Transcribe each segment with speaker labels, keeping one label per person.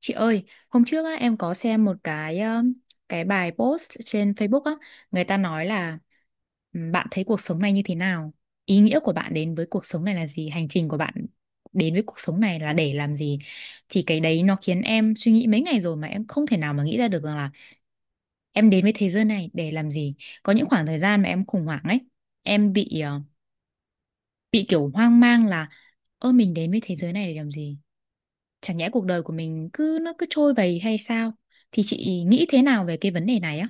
Speaker 1: Chị ơi, hôm trước á, em có xem một cái bài post trên Facebook á, người ta nói là Bạn thấy cuộc sống này như thế nào? Ý nghĩa của bạn đến với cuộc sống này là gì? Hành trình của bạn đến với cuộc sống này là để làm gì?" Thì cái đấy nó khiến em suy nghĩ mấy ngày rồi mà em không thể nào mà nghĩ ra được rằng là em đến với thế giới này để làm gì. Có những khoảng thời gian mà em khủng hoảng ấy, em bị bị kiểu hoang mang là ơ, mình đến với thế giới này để làm gì? Chẳng nhẽ cuộc đời của mình cứ nó cứ trôi vầy hay sao? Thì chị nghĩ thế nào về cái vấn đề này á?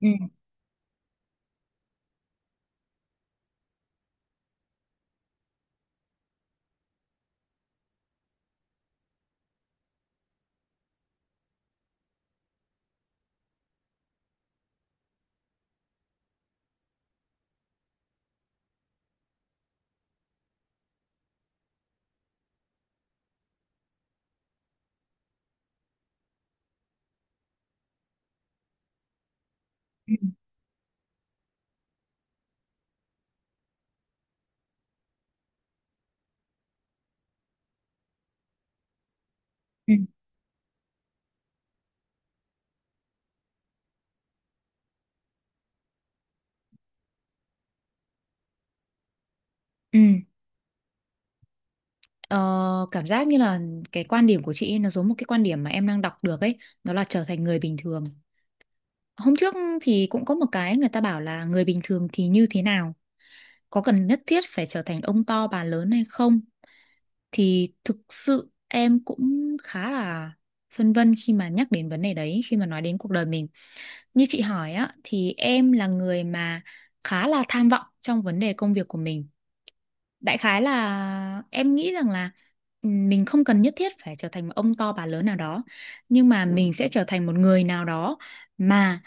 Speaker 1: Ừ, ừ, ừ, ừ, ờ, cảm giác như là cái quan điểm của chị nó giống một cái quan điểm mà em đang đọc được ấy, đó là trở thành người bình thường. Hôm trước thì cũng có một cái người ta bảo là người bình thường thì như thế nào? Có cần nhất thiết phải trở thành ông to bà lớn hay không? Thì thực sự em cũng khá là phân vân khi mà nhắc đến vấn đề đấy, khi mà nói đến cuộc đời mình. Như chị hỏi á, thì em là người mà khá là tham vọng trong vấn đề công việc của mình, đại khái là em nghĩ rằng là mình không cần nhất thiết phải trở thành một ông to bà lớn nào đó, nhưng mà mình sẽ trở thành một người nào đó mà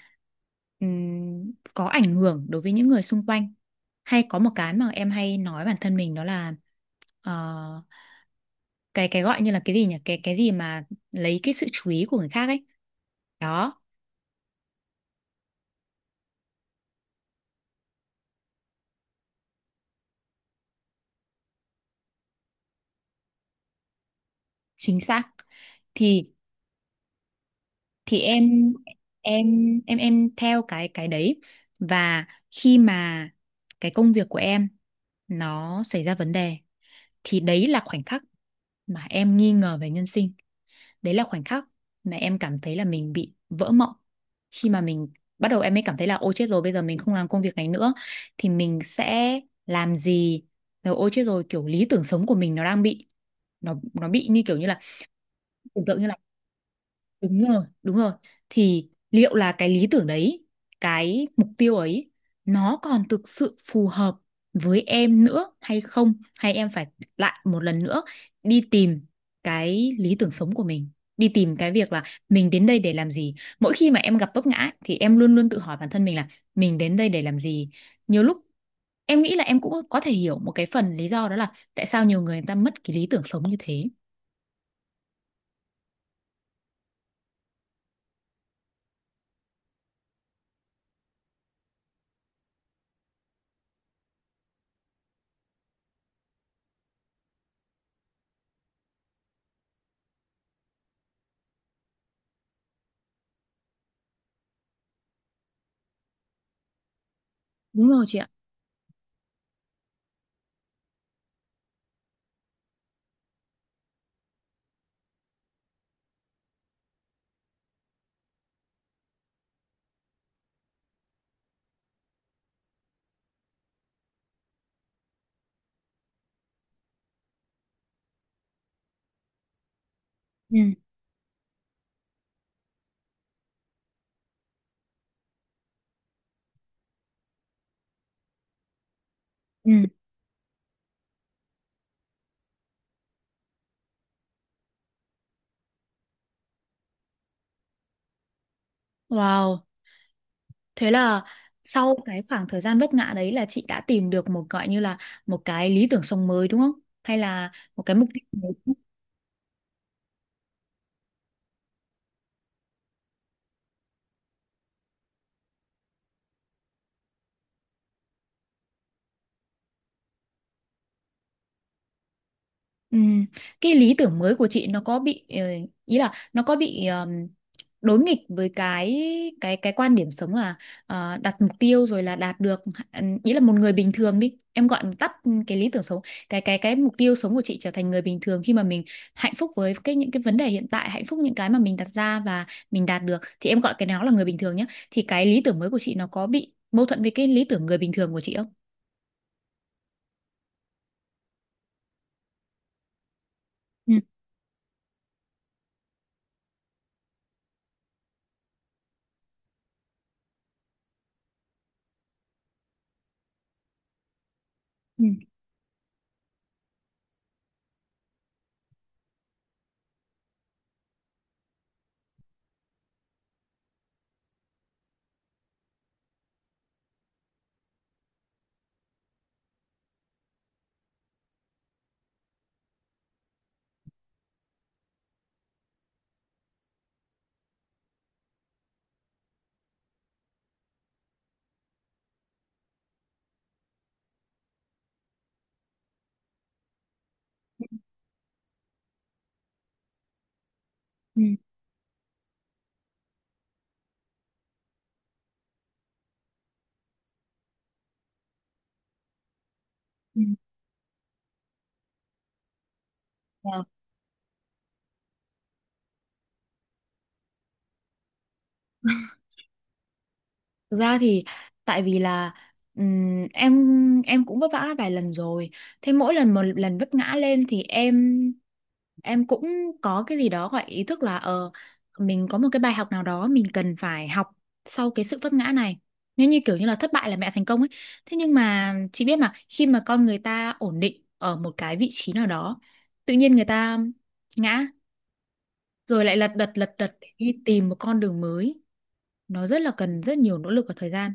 Speaker 1: có ảnh hưởng đối với những người xung quanh, hay có một cái mà em hay nói bản thân mình đó là ờ, cái gọi như là cái gì nhỉ, cái gì mà lấy cái sự chú ý của người khác ấy, đó. Chính xác. Thì thì em em theo cái đấy, và khi mà cái công việc của em nó xảy ra vấn đề thì đấy là khoảnh khắc mà em nghi ngờ về nhân sinh, đấy là khoảnh khắc mà em cảm thấy là mình bị vỡ mộng, khi mà mình bắt đầu em mới cảm thấy là ôi chết rồi bây giờ mình không làm công việc này nữa thì mình sẽ làm gì, rồi ôi chết rồi kiểu lý tưởng sống của mình nó đang bị, nó bị như kiểu như là tưởng tượng như là. Đúng rồi, đúng rồi. Thì liệu là cái lý tưởng đấy, cái mục tiêu ấy, nó còn thực sự phù hợp với em nữa hay không? Hay em phải lại một lần nữa đi tìm cái lý tưởng sống của mình, đi tìm cái việc là mình đến đây để làm gì. Mỗi khi mà em gặp vấp ngã ấy, thì em luôn luôn tự hỏi bản thân mình là mình đến đây để làm gì. Nhiều lúc em nghĩ là em cũng có thể hiểu một cái phần lý do đó là tại sao nhiều người người ta mất cái lý tưởng sống như thế. Đúng rồi chị ạ. Ừ, ừ. Wow. Thế là sau cái khoảng thời gian vấp ngã đấy là chị đã tìm được một gọi như là một cái lý tưởng sống mới đúng không? Hay là một cái mục tiêu mới. Ừ. Cái lý tưởng mới của chị nó có bị ý là nó có bị đối nghịch với cái quan điểm sống là đặt mục tiêu rồi là đạt được, ừ, ý là một người bình thường đi em gọi tắt, cái lý tưởng sống, cái mục tiêu sống của chị trở thành người bình thường khi mà mình hạnh phúc với cái những cái vấn đề hiện tại, hạnh phúc những cái mà mình đặt ra và mình đạt được thì em gọi cái đó là người bình thường nhé, thì cái lý tưởng mới của chị nó có bị mâu thuẫn với cái lý tưởng người bình thường của chị không? Ừ, ừ, ừ, ừ. Thực ra thì tại vì là em cũng vấp vã vài lần rồi. Thế mỗi lần một lần vấp ngã lên thì em cũng có cái gì đó gọi ý thức là ờ, mình có một cái bài học nào đó mình cần phải học sau cái sự vấp ngã này. Nếu như kiểu như là thất bại là mẹ thành công ấy. Thế nhưng mà chị biết mà khi mà con người ta ổn định ở một cái vị trí nào đó, tự nhiên người ta ngã rồi lại lật đật để đi tìm một con đường mới. Nó rất là cần rất nhiều nỗ lực và thời gian,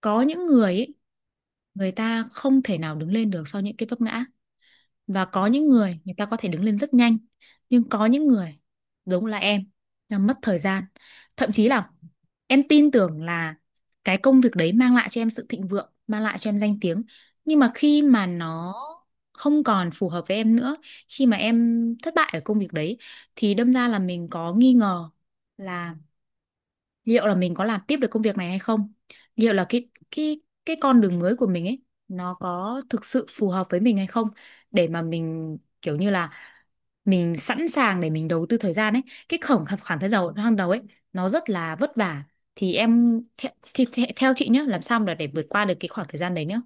Speaker 1: có những người ấy, người ta không thể nào đứng lên được sau những cái vấp ngã, và có những người người ta có thể đứng lên rất nhanh, nhưng có những người giống là em là mất thời gian, thậm chí là em tin tưởng là cái công việc đấy mang lại cho em sự thịnh vượng, mang lại cho em danh tiếng, nhưng mà khi mà nó không còn phù hợp với em nữa, khi mà em thất bại ở công việc đấy, thì đâm ra là mình có nghi ngờ là liệu là mình có làm tiếp được công việc này hay không, liệu là cái con đường mới của mình ấy nó có thực sự phù hợp với mình hay không, để mà mình kiểu như là mình sẵn sàng để mình đầu tư thời gian ấy, cái khoảng khoảng thời gian ban đầu ấy nó rất là vất vả, thì theo chị nhé, làm sao mà để vượt qua được cái khoảng thời gian đấy nhá?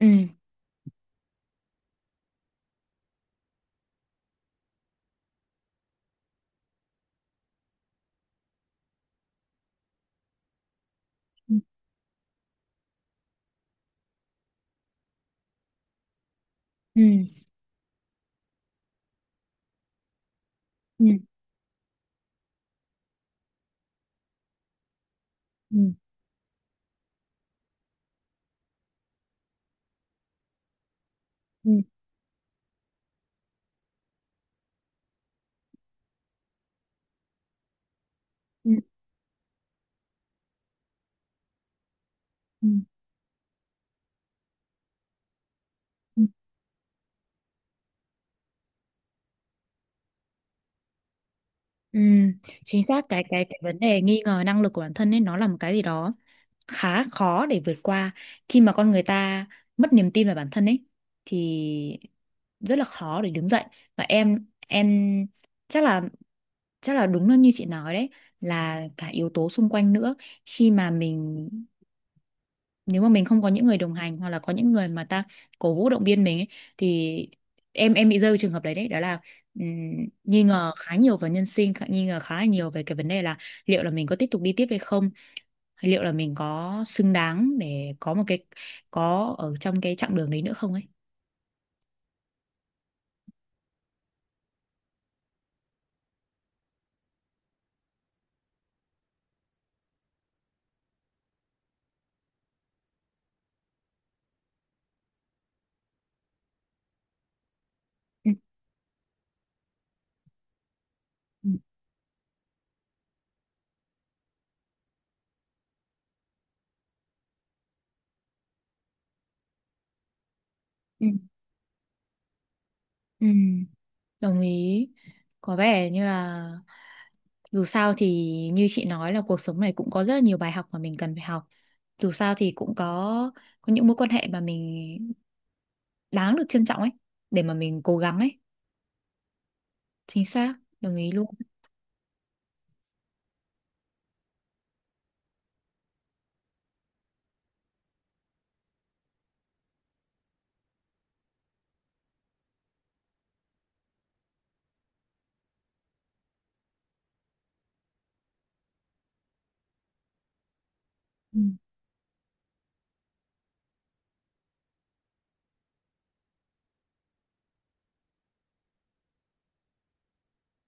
Speaker 1: Ừ, ừ, ừ, ừ, ừ, ừ, ừ, ừ, ừ. chính xác, cái vấn đề nghi ngờ năng lực của bản thân ấy nó là một cái gì đó khá khó để vượt qua, khi mà con người ta mất niềm tin vào bản thân ấy thì rất là khó để đứng dậy. Và em chắc là chắc là đúng là như chị nói đấy, là cả yếu tố xung quanh nữa, khi mà mình, nếu mà mình không có những người đồng hành hoặc là có những người mà ta cổ vũ động viên mình ấy, thì em bị rơi vào trường hợp đấy đấy đó là ừm, nghi ngờ khá nhiều về nhân sinh, nghi ngờ khá là nhiều về cái vấn đề là liệu là mình có tiếp tục đi tiếp hay không, hay liệu là mình có xứng đáng để có một cái, có ở trong cái chặng đường đấy nữa không ấy. Ừ, ừ, ừ, ừ, đồng ý. Có vẻ như là, dù sao thì như chị nói là cuộc sống này cũng có rất là nhiều bài học mà mình cần phải học. Dù sao thì cũng có những mối quan hệ mà mình đáng được trân trọng ấy để mà mình cố gắng ấy. Chính xác, đồng ý luôn. Ừ.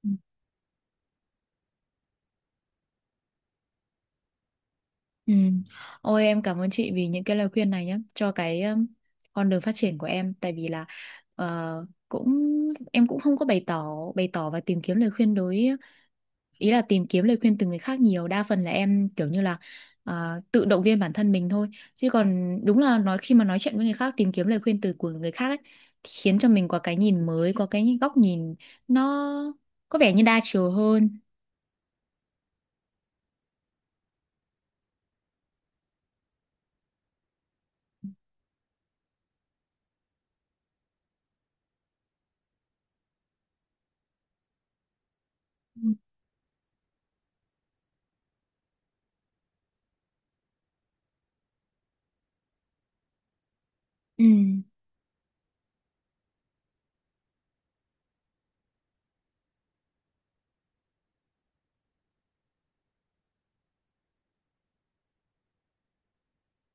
Speaker 1: Ừ. Ừ. Ôi em cảm ơn chị vì những cái lời khuyên này nhé cho cái con đường phát triển của em, tại vì là ờ, em cũng không có bày tỏ, bày tỏ và tìm kiếm lời khuyên đối, ý là tìm kiếm lời khuyên từ người khác nhiều, đa phần là em kiểu như là à, tự động viên bản thân mình thôi, chứ còn đúng là nói khi mà nói chuyện với người khác tìm kiếm lời khuyên từ của người khác ấy, thì khiến cho mình có cái nhìn mới, có cái góc nhìn nó có vẻ như đa chiều hơn. Ừ.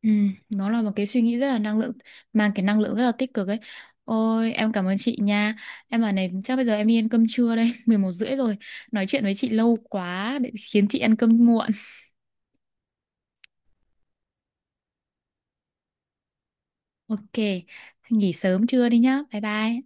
Speaker 1: Ừ. Nó là một cái suy nghĩ rất là năng lượng, mang cái năng lượng rất là tích cực ấy. Ôi em cảm ơn chị nha. Em bảo này, chắc bây giờ em đi ăn cơm trưa đây 11h30 rồi, nói chuyện với chị lâu quá để khiến chị ăn cơm muộn. Ok, nghỉ sớm trưa đi nhá. Bye bye.